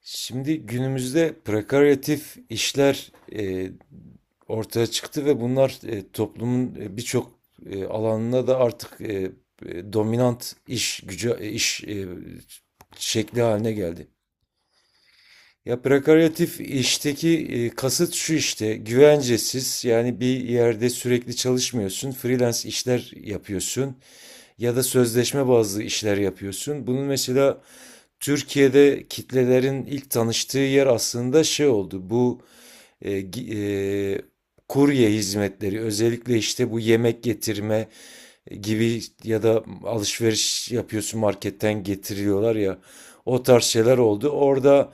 Şimdi günümüzde prekaryatif işler ortaya çıktı ve bunlar toplumun birçok alanına da artık dominant iş gücü iş şekli haline geldi. Ya prekaryatif işteki kasıt şu, işte güvencesiz, yani bir yerde sürekli çalışmıyorsun, freelance işler yapıyorsun ya da sözleşme bazlı işler yapıyorsun. Bunun mesela Türkiye'de kitlelerin ilk tanıştığı yer aslında şey oldu. Bu e, e, kurye hizmetleri, özellikle işte bu yemek getirme gibi ya da alışveriş yapıyorsun marketten getiriyorlar ya, o tarz şeyler oldu. Orada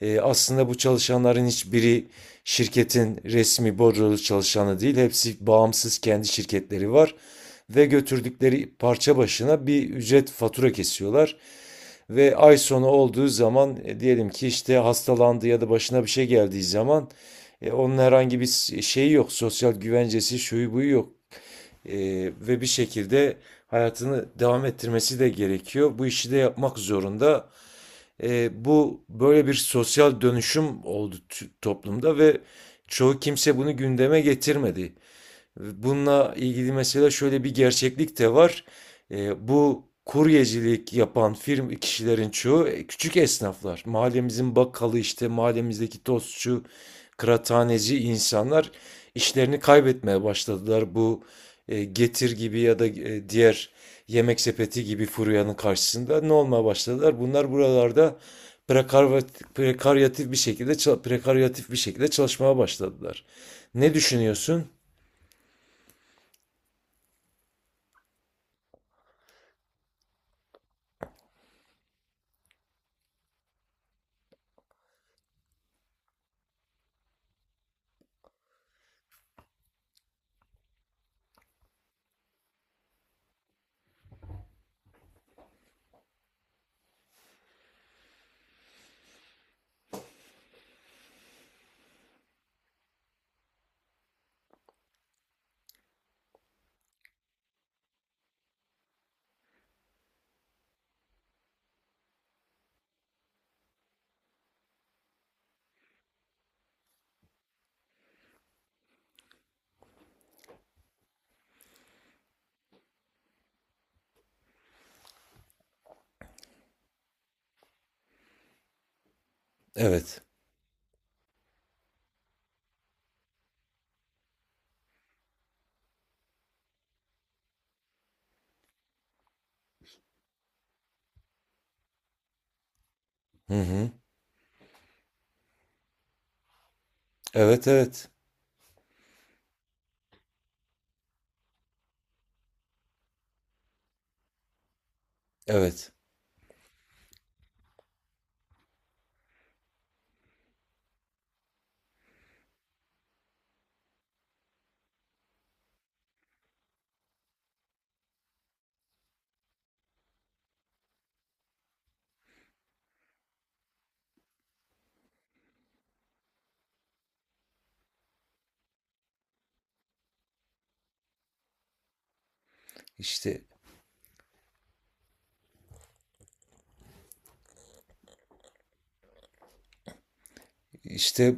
aslında bu çalışanların hiçbiri şirketin resmi bordrolu çalışanı değil. Hepsi bağımsız, kendi şirketleri var ve götürdükleri parça başına bir ücret fatura kesiyorlar. Ve ay sonu olduğu zaman diyelim ki işte hastalandı ya da başına bir şey geldiği zaman onun herhangi bir şeyi yok. Sosyal güvencesi, şuyu buyu yok. E, ve bir şekilde hayatını devam ettirmesi de gerekiyor. Bu işi de yapmak zorunda. Bu böyle bir sosyal dönüşüm oldu toplumda ve çoğu kimse bunu gündeme getirmedi. Bununla ilgili mesela şöyle bir gerçeklik de var. Bu kuryecilik yapan kişilerin çoğu küçük esnaflar. Mahallemizin bakkalı, işte mahallemizdeki tostçu, kıraathaneci insanlar işlerini kaybetmeye başladılar. Bu Getir gibi ya da diğer yemek sepeti gibi furyanın karşısında ne olmaya başladılar? Bunlar buralarda prekaryatif bir şekilde çalışmaya başladılar. Ne düşünüyorsun? Evet. Hı hı. Evet, evet. Evet. İşte işte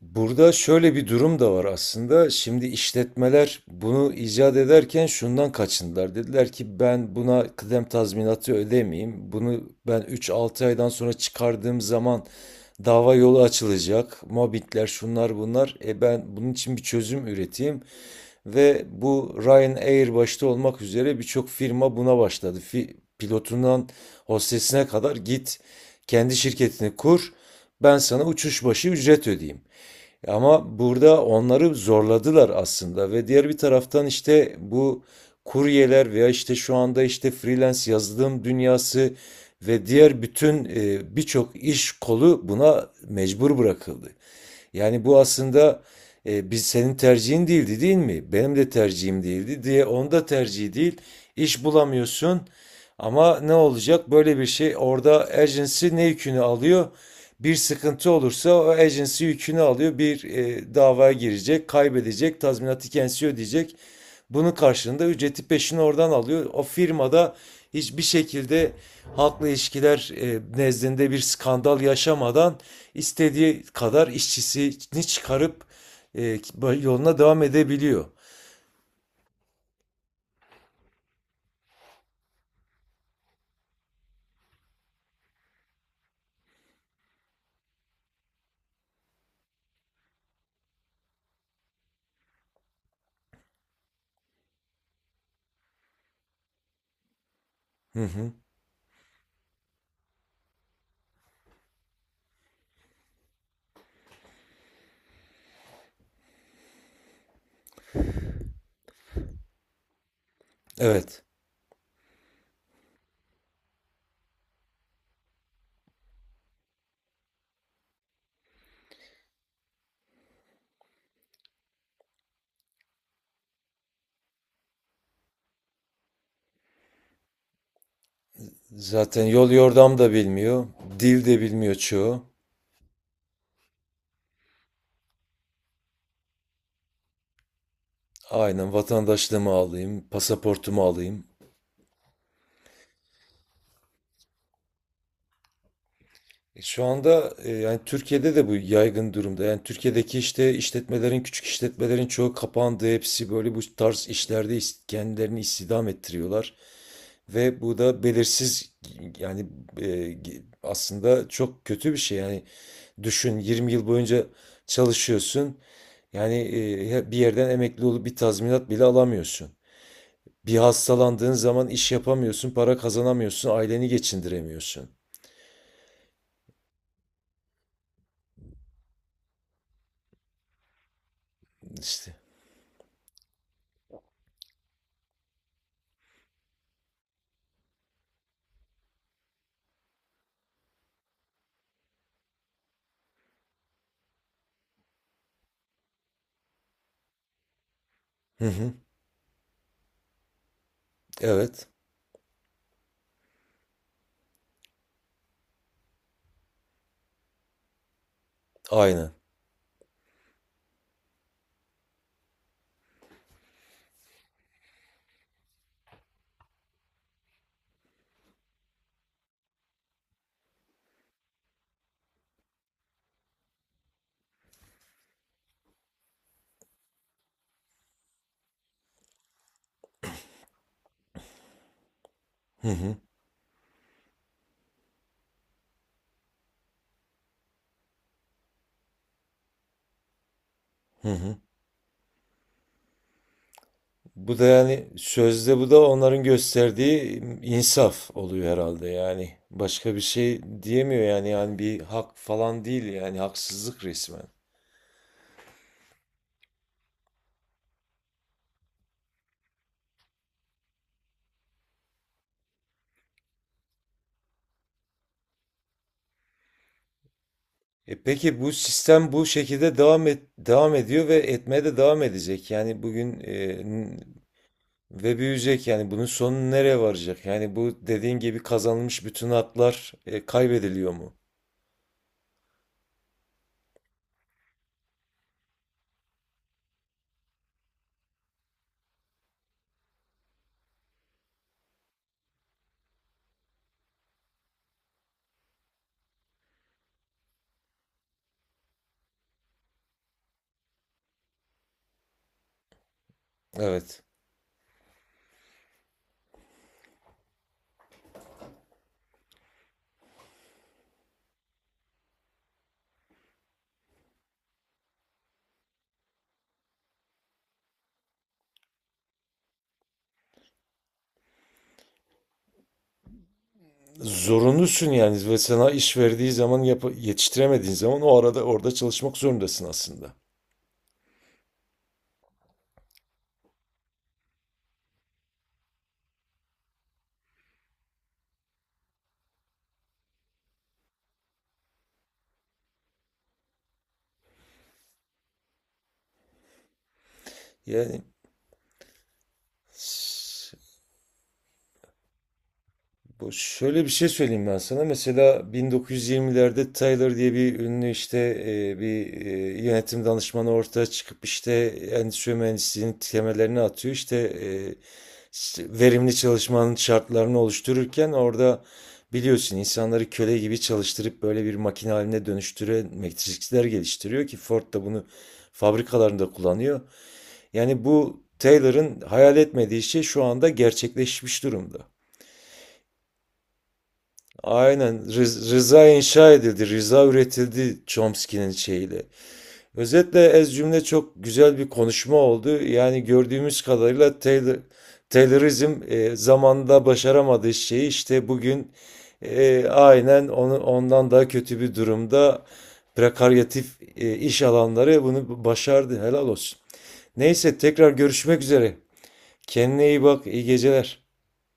burada şöyle bir durum da var aslında. Şimdi işletmeler bunu icat ederken şundan kaçındılar. Dediler ki ben buna kıdem tazminatı ödemeyeyim. Bunu ben üç altı aydan sonra çıkardığım zaman dava yolu açılacak. Mobbingler, şunlar bunlar. Ben bunun için bir çözüm üreteyim. Ve bu Ryanair başta olmak üzere birçok firma buna başladı. Pilotundan hostesine kadar git kendi şirketini kur. Ben sana uçuş başı ücret ödeyeyim. Ama burada onları zorladılar aslında ve diğer bir taraftan işte bu kuryeler veya işte şu anda işte freelance yazılım dünyası ve diğer bütün birçok iş kolu buna mecbur bırakıldı. Yani bu aslında biz, senin tercihin değildi değil mi? Benim de tercihim değildi diye, onda tercih değil. İş bulamıyorsun. Ama ne olacak? Böyle bir şey, orada agency ne yükünü alıyor? Bir sıkıntı olursa o agency yükünü alıyor. Bir davaya girecek, kaybedecek, tazminatı kendisi ödeyecek. Bunun karşılığında ücreti peşin oradan alıyor. O firmada hiçbir şekilde halkla ilişkiler nezdinde bir skandal yaşamadan istediği kadar işçisini çıkarıp e, yoluna devam edebiliyor. Hı hı. Evet. Zaten yol yordam da bilmiyor. Dil de bilmiyor çoğu. Aynen, vatandaşlığımı alayım, pasaportumu alayım. Şu anda yani Türkiye'de de bu yaygın durumda. Yani Türkiye'deki işte işletmelerin, küçük işletmelerin çoğu kapandı. Hepsi böyle bu tarz işlerde kendilerini istihdam ettiriyorlar. Ve bu da belirsiz yani e, aslında çok kötü bir şey. Yani düşün, 20 yıl boyunca çalışıyorsun. Yani bir yerden emekli olup bir tazminat bile alamıyorsun. Bir hastalandığın zaman iş yapamıyorsun, para kazanamıyorsun, aileni geçindiremiyorsun. İşte. Hı hı. Evet. Aynen. Hı hı. Hı hı. Bu da yani sözde bu da onların gösterdiği insaf oluyor herhalde yani. Başka bir şey diyemiyor yani bir hak falan değil, yani haksızlık resmen. E peki, bu sistem bu şekilde devam ediyor ve etmeye de devam edecek. Yani bugün ve büyüyecek, yani bunun sonu nereye varacak? Yani bu dediğin gibi kazanılmış bütün haklar kaybediliyor mu? Evet. Zorunlusun yani ve sana iş verdiği zaman yetiştiremediğin zaman o arada orada çalışmak zorundasın aslında. Yani şöyle bir şey söyleyeyim ben sana. Mesela 1920'lerde Tyler diye bir ünlü, işte bir yönetim danışmanı ortaya çıkıp işte endüstri mühendisliğinin temellerini atıyor. İşte verimli çalışmanın şartlarını oluştururken orada biliyorsun insanları köle gibi çalıştırıp böyle bir makine haline dönüştüren metrikler geliştiriyor ki Ford da bunu fabrikalarında kullanıyor. Yani bu Taylor'ın hayal etmediği şey şu anda gerçekleşmiş durumda. Aynen, Rıza inşa edildi, Rıza üretildi, Chomsky'nin şeyiyle. Özetle, ez cümle, çok güzel bir konuşma oldu. Yani gördüğümüz kadarıyla Taylor, Taylorizm zamanında başaramadığı şeyi işte bugün aynen onu, ondan daha kötü bir durumda prekaryatif iş alanları bunu başardı. Helal olsun. Neyse, tekrar görüşmek üzere. Kendine iyi bak, iyi geceler.